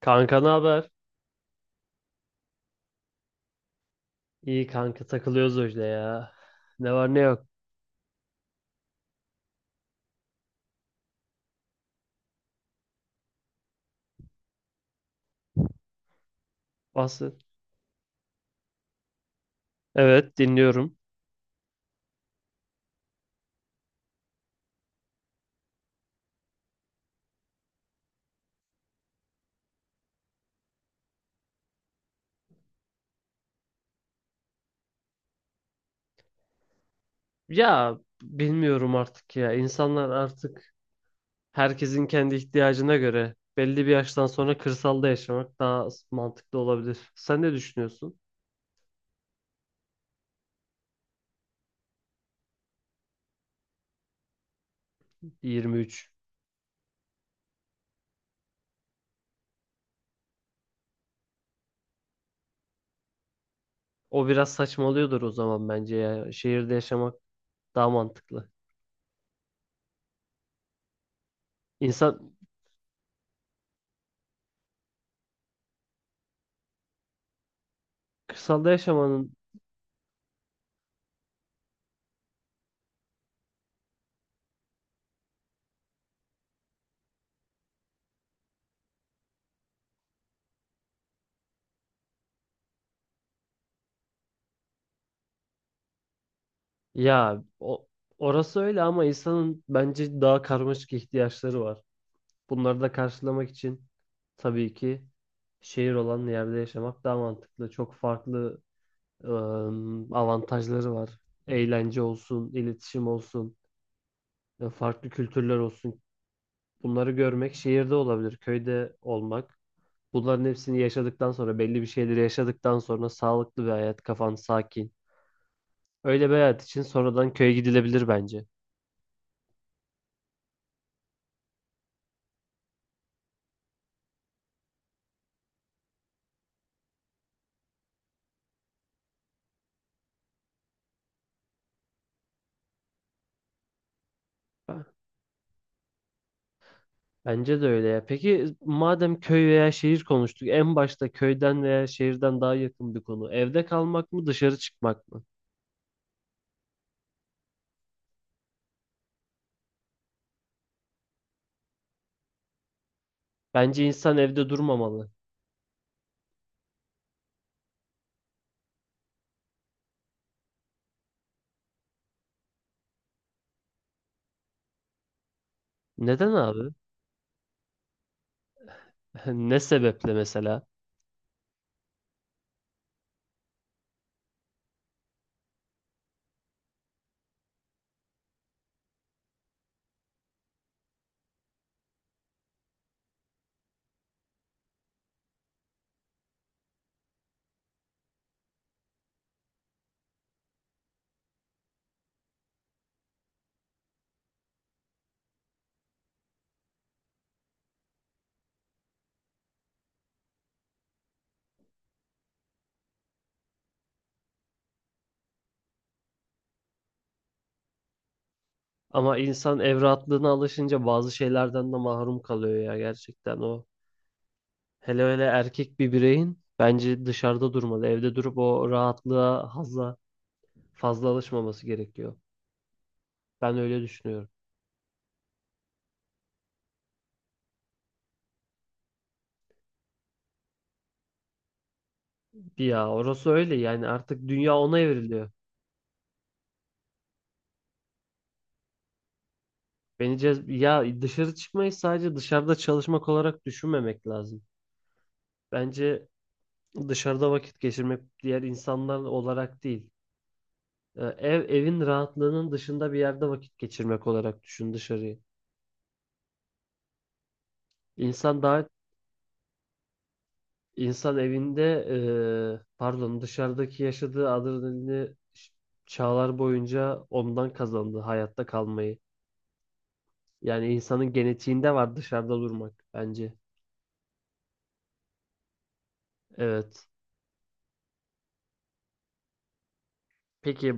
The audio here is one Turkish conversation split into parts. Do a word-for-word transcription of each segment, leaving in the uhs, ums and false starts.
Kanka ne haber? İyi kanka, takılıyoruz öyle ya. Ne var ne yok. Bahset. Evet, dinliyorum. Ya bilmiyorum artık ya. İnsanlar artık, herkesin kendi ihtiyacına göre belli bir yaştan sonra kırsalda yaşamak daha mantıklı olabilir. Sen ne düşünüyorsun? yirmi üç. O biraz saçmalıyordur o zaman bence ya. Şehirde yaşamak daha mantıklı. İnsan kırsalda yaşamanın, ya o, orası öyle ama insanın bence daha karmaşık ihtiyaçları var. Bunları da karşılamak için tabii ki şehir olan yerde yaşamak daha mantıklı. Çok farklı ıı, avantajları var. Eğlence olsun, iletişim olsun, e, farklı kültürler olsun. Bunları görmek şehirde olabilir, köyde olmak. Bunların hepsini yaşadıktan sonra, belli bir şeyleri yaşadıktan sonra sağlıklı bir hayat, kafan sakin. Öyle bir hayat için sonradan köye gidilebilir bence. Bence de öyle ya. Peki madem köy veya şehir konuştuk, en başta köyden veya şehirden daha yakın bir konu. Evde kalmak mı, dışarı çıkmak mı? Bence insan evde durmamalı. Neden abi? Ne sebeple mesela? Ama insan ev rahatlığına alışınca bazı şeylerden de mahrum kalıyor ya, gerçekten o. Hele öyle erkek bir bireyin bence dışarıda durmalı. Evde durup o rahatlığa fazla fazla alışmaması gerekiyor. Ben öyle düşünüyorum. Ya orası öyle yani artık dünya ona evriliyor. Beni cez ya, dışarı çıkmayı sadece dışarıda çalışmak olarak düşünmemek lazım. Bence dışarıda vakit geçirmek diğer insanlar olarak değil. Ee, Ev evin rahatlığının dışında bir yerde vakit geçirmek olarak düşün dışarıyı. İnsan daha insan evinde, e, pardon, dışarıdaki yaşadığı adrenalini ş- çağlar boyunca ondan kazandı hayatta kalmayı. Yani insanın genetiğinde var dışarıda durmak bence. Evet. Peki.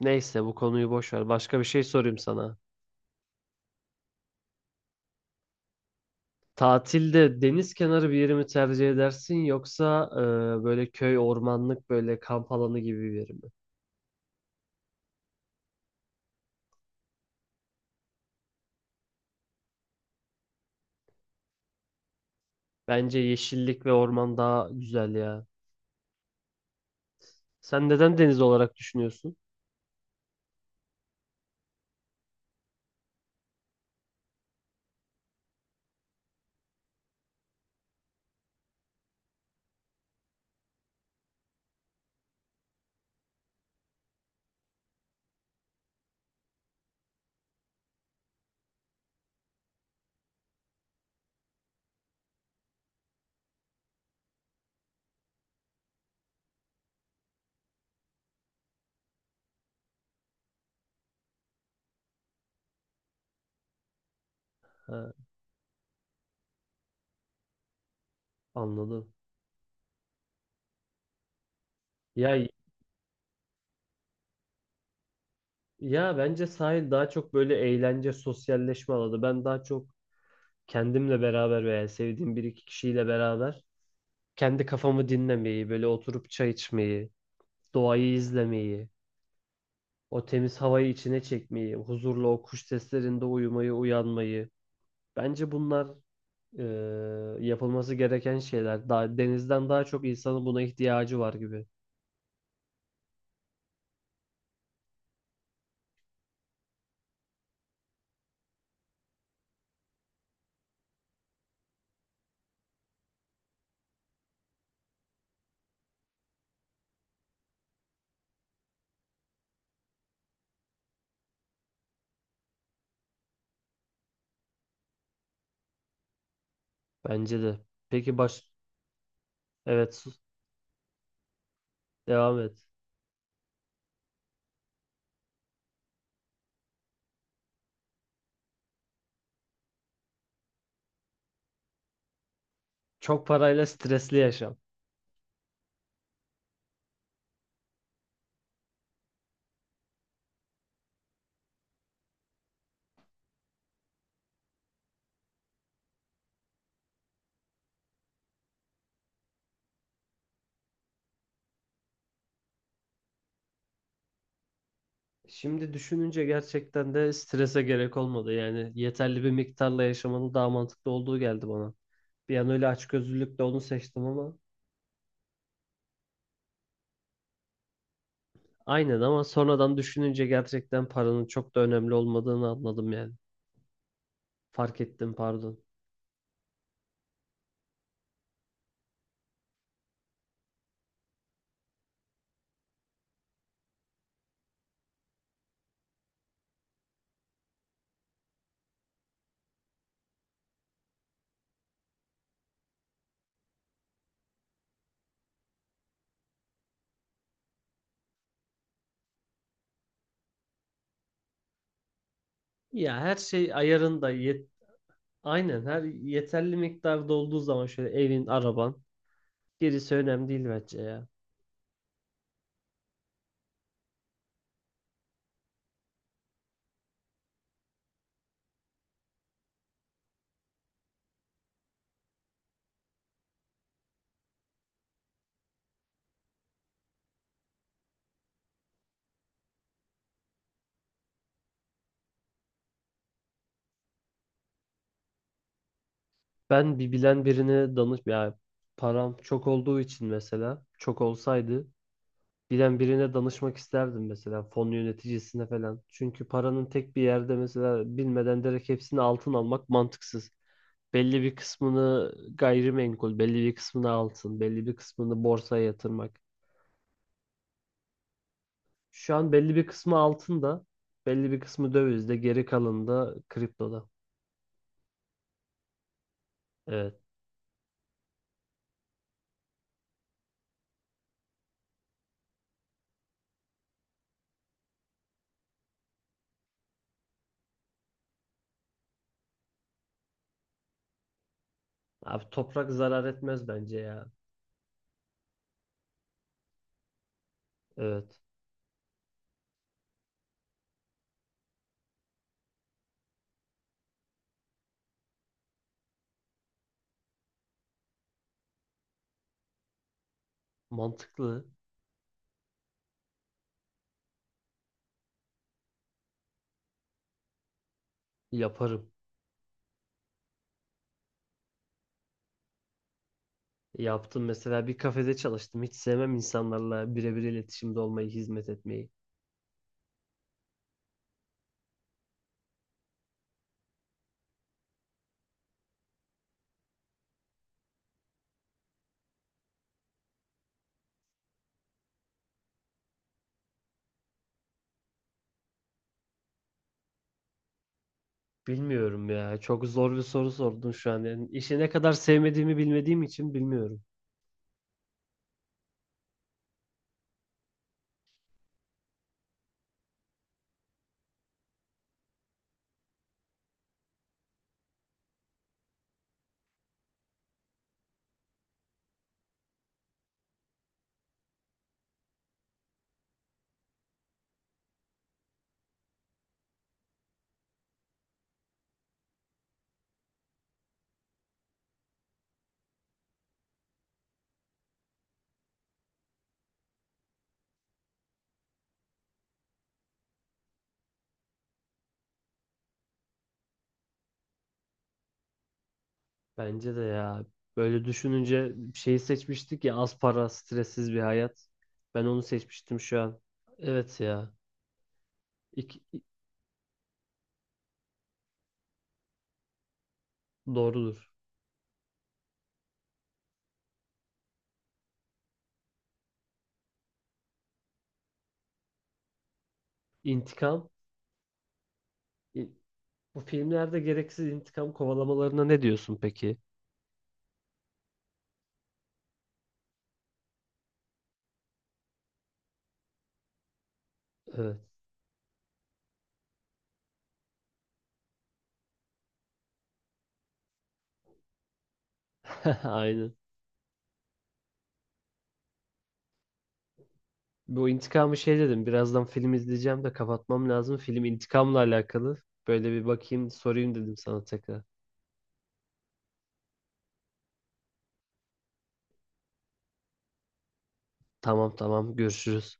Neyse, bu konuyu boş ver. Başka bir şey sorayım sana. Tatilde deniz kenarı bir yeri mi tercih edersin yoksa e, böyle köy, ormanlık, böyle kamp alanı gibi bir yeri mi? Bence yeşillik ve orman daha güzel ya. Sen neden deniz olarak düşünüyorsun? Ha, anladım. Ya ya bence sahil daha çok böyle eğlence, sosyalleşme alanı. Ben daha çok kendimle beraber veya sevdiğim bir iki kişiyle beraber kendi kafamı dinlemeyi, böyle oturup çay içmeyi, doğayı izlemeyi, o temiz havayı içine çekmeyi, huzurla o kuş seslerinde uyumayı, uyanmayı. Bence bunlar e, yapılması gereken şeyler. Daha, denizden daha çok insanın buna ihtiyacı var gibi. Bence de. Peki baş... Evet, sus. Devam et. Çok parayla stresli yaşam. Şimdi düşününce gerçekten de strese gerek olmadı. Yani yeterli bir miktarla yaşamanın daha mantıklı olduğu geldi bana. Bir an öyle açgözlülükle onu seçtim ama aynen, ama sonradan düşününce gerçekten paranın çok da önemli olmadığını anladım yani. Fark ettim, pardon. Ya her şey ayarında yet, aynen, her yeterli miktarda olduğu zaman şöyle evin, araban, gerisi önemli değil bence ya. Ben bir bilen birine danış ya, param çok olduğu için, mesela çok olsaydı bilen birine danışmak isterdim, mesela fon yöneticisine falan. Çünkü paranın tek bir yerde, mesela bilmeden direkt hepsini altın almak mantıksız. Belli bir kısmını gayrimenkul, belli bir kısmını altın, belli bir kısmını borsaya yatırmak. Şu an belli bir kısmı altında, belli bir kısmı dövizde, geri kalanı da kriptoda. Evet. Abi toprak zarar etmez bence ya. Evet. Mantıklı. Yaparım. Yaptım, mesela bir kafede çalıştım. Hiç sevmem insanlarla birebir iletişimde olmayı, hizmet etmeyi. Bilmiyorum ya. Çok zor bir soru sordun şu an. Yani işi ne kadar sevmediğimi bilmediğim için bilmiyorum. Bence de ya. Böyle düşününce şeyi seçmiştik ya, az para, stressiz bir hayat. Ben onu seçmiştim şu an. Evet ya. İk- i- doğrudur. İntikam. İ- Bu filmlerde gereksiz intikam kovalamalarına ne diyorsun peki? Evet. Aynen. Bu intikamı şey dedim. Birazdan film izleyeceğim de kapatmam lazım. Film intikamla alakalı. Böyle bir bakayım, sorayım dedim sana tekrar. Tamam tamam. Görüşürüz.